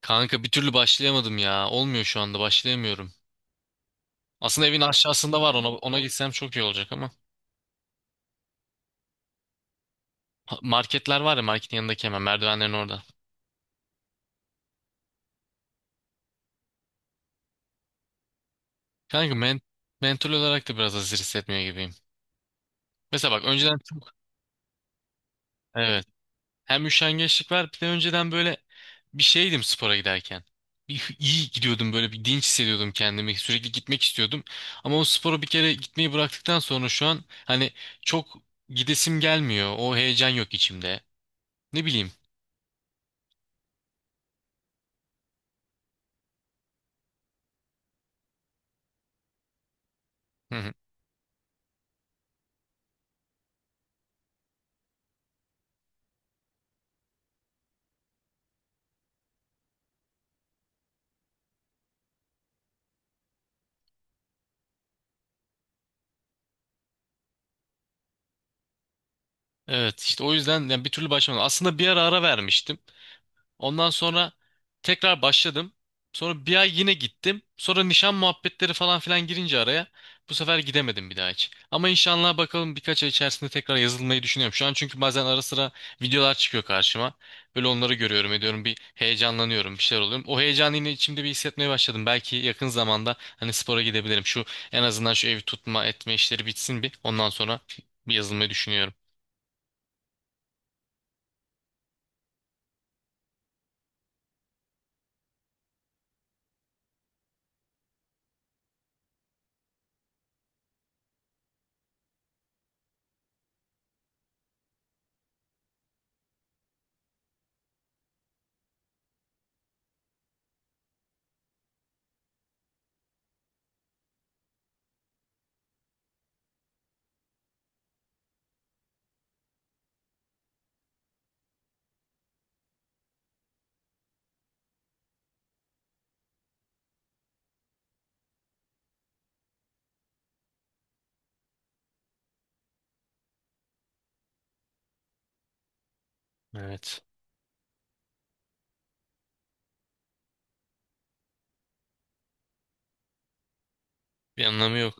Kanka bir türlü başlayamadım ya. Olmuyor şu anda başlayamıyorum. Aslında evin aşağısında var ona gitsem çok iyi olacak ama. Marketler var ya marketin yanındaki hemen merdivenlerin orada. Kanka mental olarak da biraz hazır hissetmiyor gibiyim. Mesela bak önceden çok evet hem üşengeçlik var, bir de önceden böyle bir şeydim spora giderken. Bir, iyi gidiyordum, böyle bir dinç hissediyordum kendimi, sürekli gitmek istiyordum. Ama o spora bir kere gitmeyi bıraktıktan sonra şu an hani çok gidesim gelmiyor, o heyecan yok içimde. Ne bileyim. Evet, işte o yüzden yani bir türlü başlamadım. Aslında bir ara ara vermiştim. Ondan sonra tekrar başladım. Sonra bir ay yine gittim. Sonra nişan muhabbetleri falan filan girince araya bu sefer gidemedim bir daha hiç. Ama inşallah bakalım birkaç ay içerisinde tekrar yazılmayı düşünüyorum. Şu an çünkü bazen ara sıra videolar çıkıyor karşıma. Böyle onları görüyorum ediyorum, bir heyecanlanıyorum, bir şeyler oluyorum. O heyecanı yine içimde bir hissetmeye başladım. Belki yakın zamanda hani spora gidebilirim. Şu en azından şu evi tutma etme işleri bitsin bir. Ondan sonra bir yazılmayı düşünüyorum. Evet. Bir anlamı yok.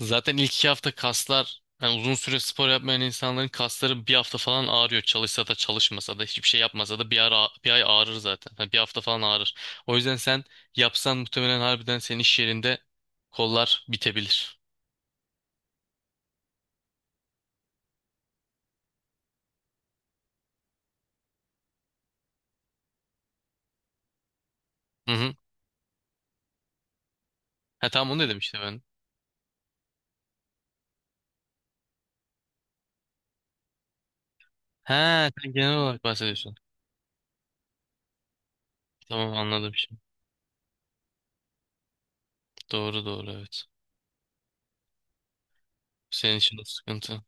Zaten ilk 2 hafta kaslar, yani uzun süre spor yapmayan insanların kasları bir hafta falan ağrıyor. Çalışsa da çalışmasa da hiçbir şey yapmasa da bir ara, bir ay ağrır zaten. Yani bir hafta falan ağrır. O yüzden sen yapsan muhtemelen harbiden senin iş yerinde kollar bitebilir. Hı hı. Ha tamam, onu dedim işte ben. Ha, sen genel olarak bahsediyorsun. Tamam, anladım şimdi. Doğru doğru, evet. Senin için de sıkıntı.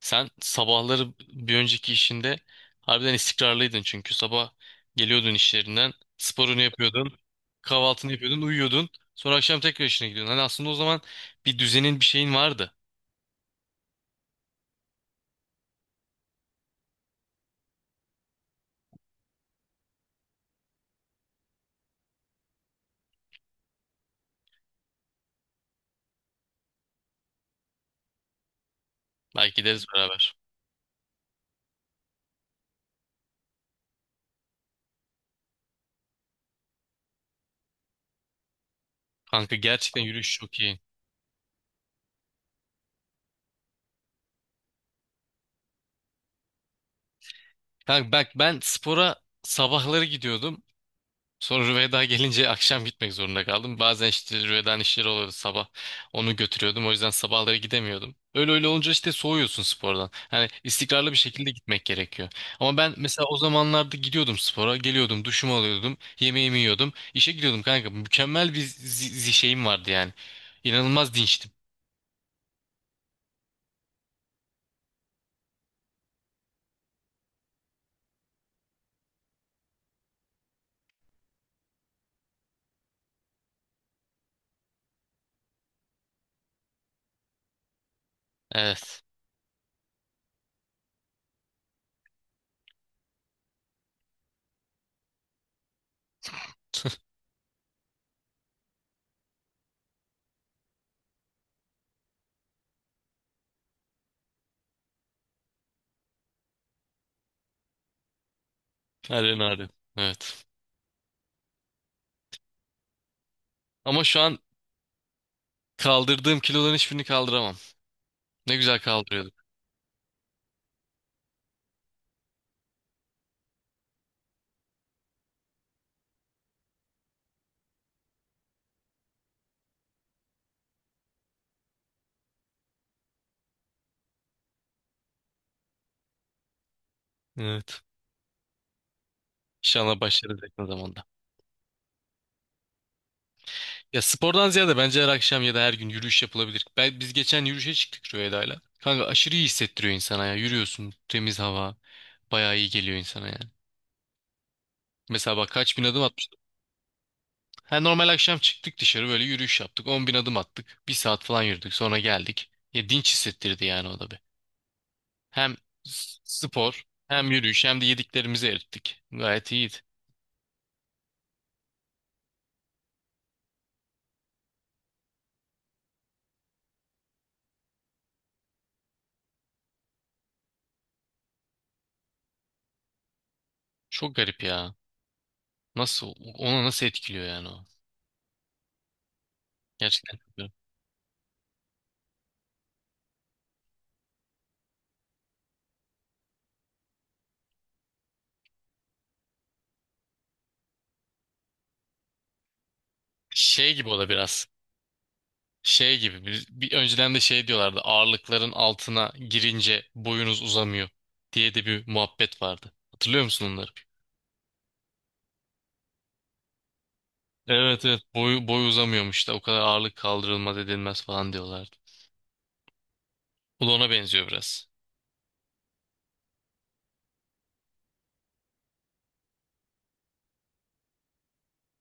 Sen sabahları bir önceki işinde harbiden istikrarlıydın, çünkü sabah geliyordun işlerinden, sporunu yapıyordun, kahvaltını yapıyordun, uyuyordun. Sonra akşam tekrar işine gidiyordun. Hani aslında o zaman bir düzenin, bir şeyin vardı. Belki gideriz beraber. Kanka, gerçekten yürüyüş çok iyi. Kanka bak, ben spora sabahları gidiyordum. Sonra Rüveyda gelince akşam gitmek zorunda kaldım. Bazen işte Rüveyda'nın işleri oluyordu sabah. Onu götürüyordum. O yüzden sabahları gidemiyordum. Öyle öyle olunca işte soğuyorsun spordan. Hani istikrarlı bir şekilde gitmek gerekiyor. Ama ben mesela o zamanlarda gidiyordum spora. Geliyordum, duşumu alıyordum, yemeğimi yiyordum, işe gidiyordum kanka. Mükemmel bir şeyim vardı yani. İnanılmaz dinçtim. Evet. Harbiden harbiden. Evet. Ama şu an kaldırdığım kiloların hiçbirini kaldıramam. Ne güzel kaldırıyordum. Evet. İnşallah başarırız yakın zamanda. Ya spordan ziyade bence her akşam ya da her gün yürüyüş yapılabilir. Ben, biz geçen yürüyüşe çıktık Rüyayda'yla. Kanka aşırı iyi hissettiriyor insana ya. Yürüyorsun, temiz hava. Bayağı iyi geliyor insana yani. Mesela bak kaç bin adım atmıştık. Ha, normal akşam çıktık dışarı, böyle yürüyüş yaptık. 10.000 adım attık. Bir saat falan yürüdük, sonra geldik. Ya dinç hissettirdi yani, o da bir. Hem spor, hem yürüyüş, hem de yediklerimizi erittik. Gayet iyiydi. Çok garip ya. Nasıl, onu nasıl etkiliyor yani o? Gerçekten çok garip. Şey gibi o da biraz. Şey gibi bir, önceden de şey diyorlardı, ağırlıkların altına girince boyunuz uzamıyor diye de bir muhabbet vardı. Hatırlıyor musun onları? Evet evet, boy uzamıyormuş da, o kadar ağırlık kaldırılmaz edilmez falan diyorlardı. Bu da ona benziyor biraz.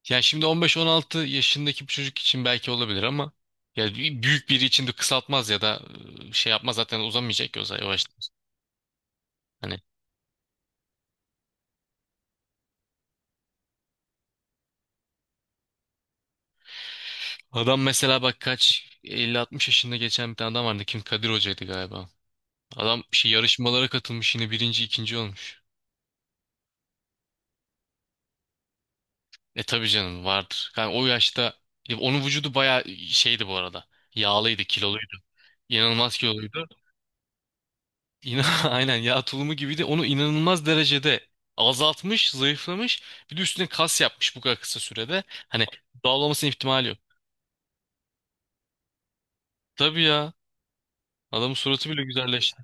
Yani şimdi 15-16 yaşındaki bir çocuk için belki olabilir ama ya büyük biri için de kısaltmaz ya da şey yapmaz, zaten uzamayacak ki o zaman yavaş. Hani adam, mesela bak kaç, 50-60 yaşında geçen bir tane adam vardı, kim, Kadir Hoca'ydı galiba. Adam şey, yarışmalara katılmış, yine birinci ikinci olmuş. E tabii canım, vardır. Yani o yaşta ya onun vücudu bayağı şeydi bu arada. Yağlıydı, kiloluydu. İnanılmaz kiloluydu. İna aynen yağ tulumu gibiydi. Onu inanılmaz derecede azaltmış, zayıflamış. Bir de üstüne kas yapmış bu kadar kısa sürede. Hani dağılmasının ihtimali yok. Tabii ya. Adamın suratı bile güzelleşti.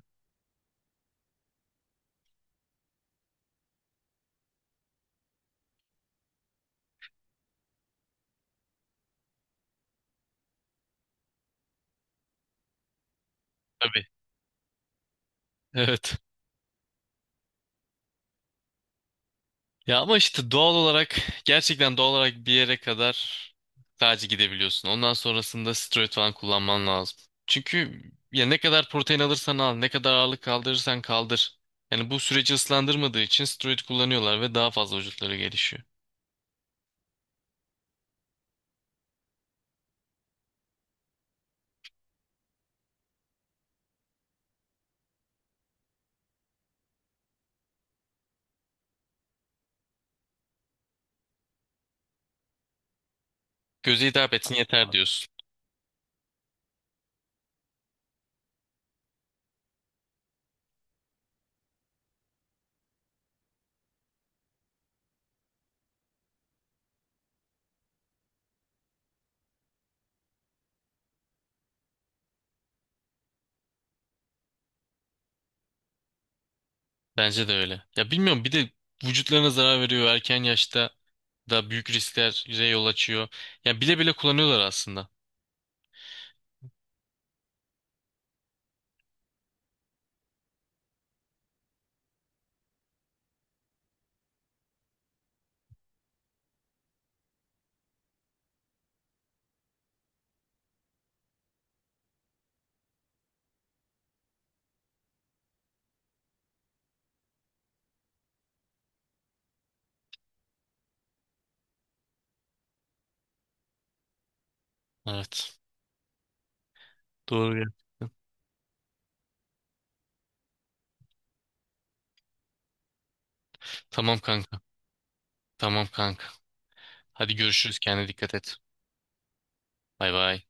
Tabii. Evet. Ya ama işte doğal olarak, gerçekten doğal olarak bir yere kadar sadece gidebiliyorsun. Ondan sonrasında steroid falan kullanman lazım. Çünkü ya ne kadar protein alırsan al, ne kadar ağırlık kaldırırsan kaldır. Yani bu süreci ıslandırmadığı için steroid kullanıyorlar ve daha fazla vücutları gelişiyor. Göze hitap etsin yeter diyorsun. Bence de öyle. Ya bilmiyorum, bir de vücutlarına zarar veriyor, erken yaşta da büyük risklere yol açıyor. Ya bile bile kullanıyorlar aslında. Evet. Doğru, gerçekten. Tamam kanka. Tamam kanka. Hadi görüşürüz. Kendine dikkat et. Bay bay.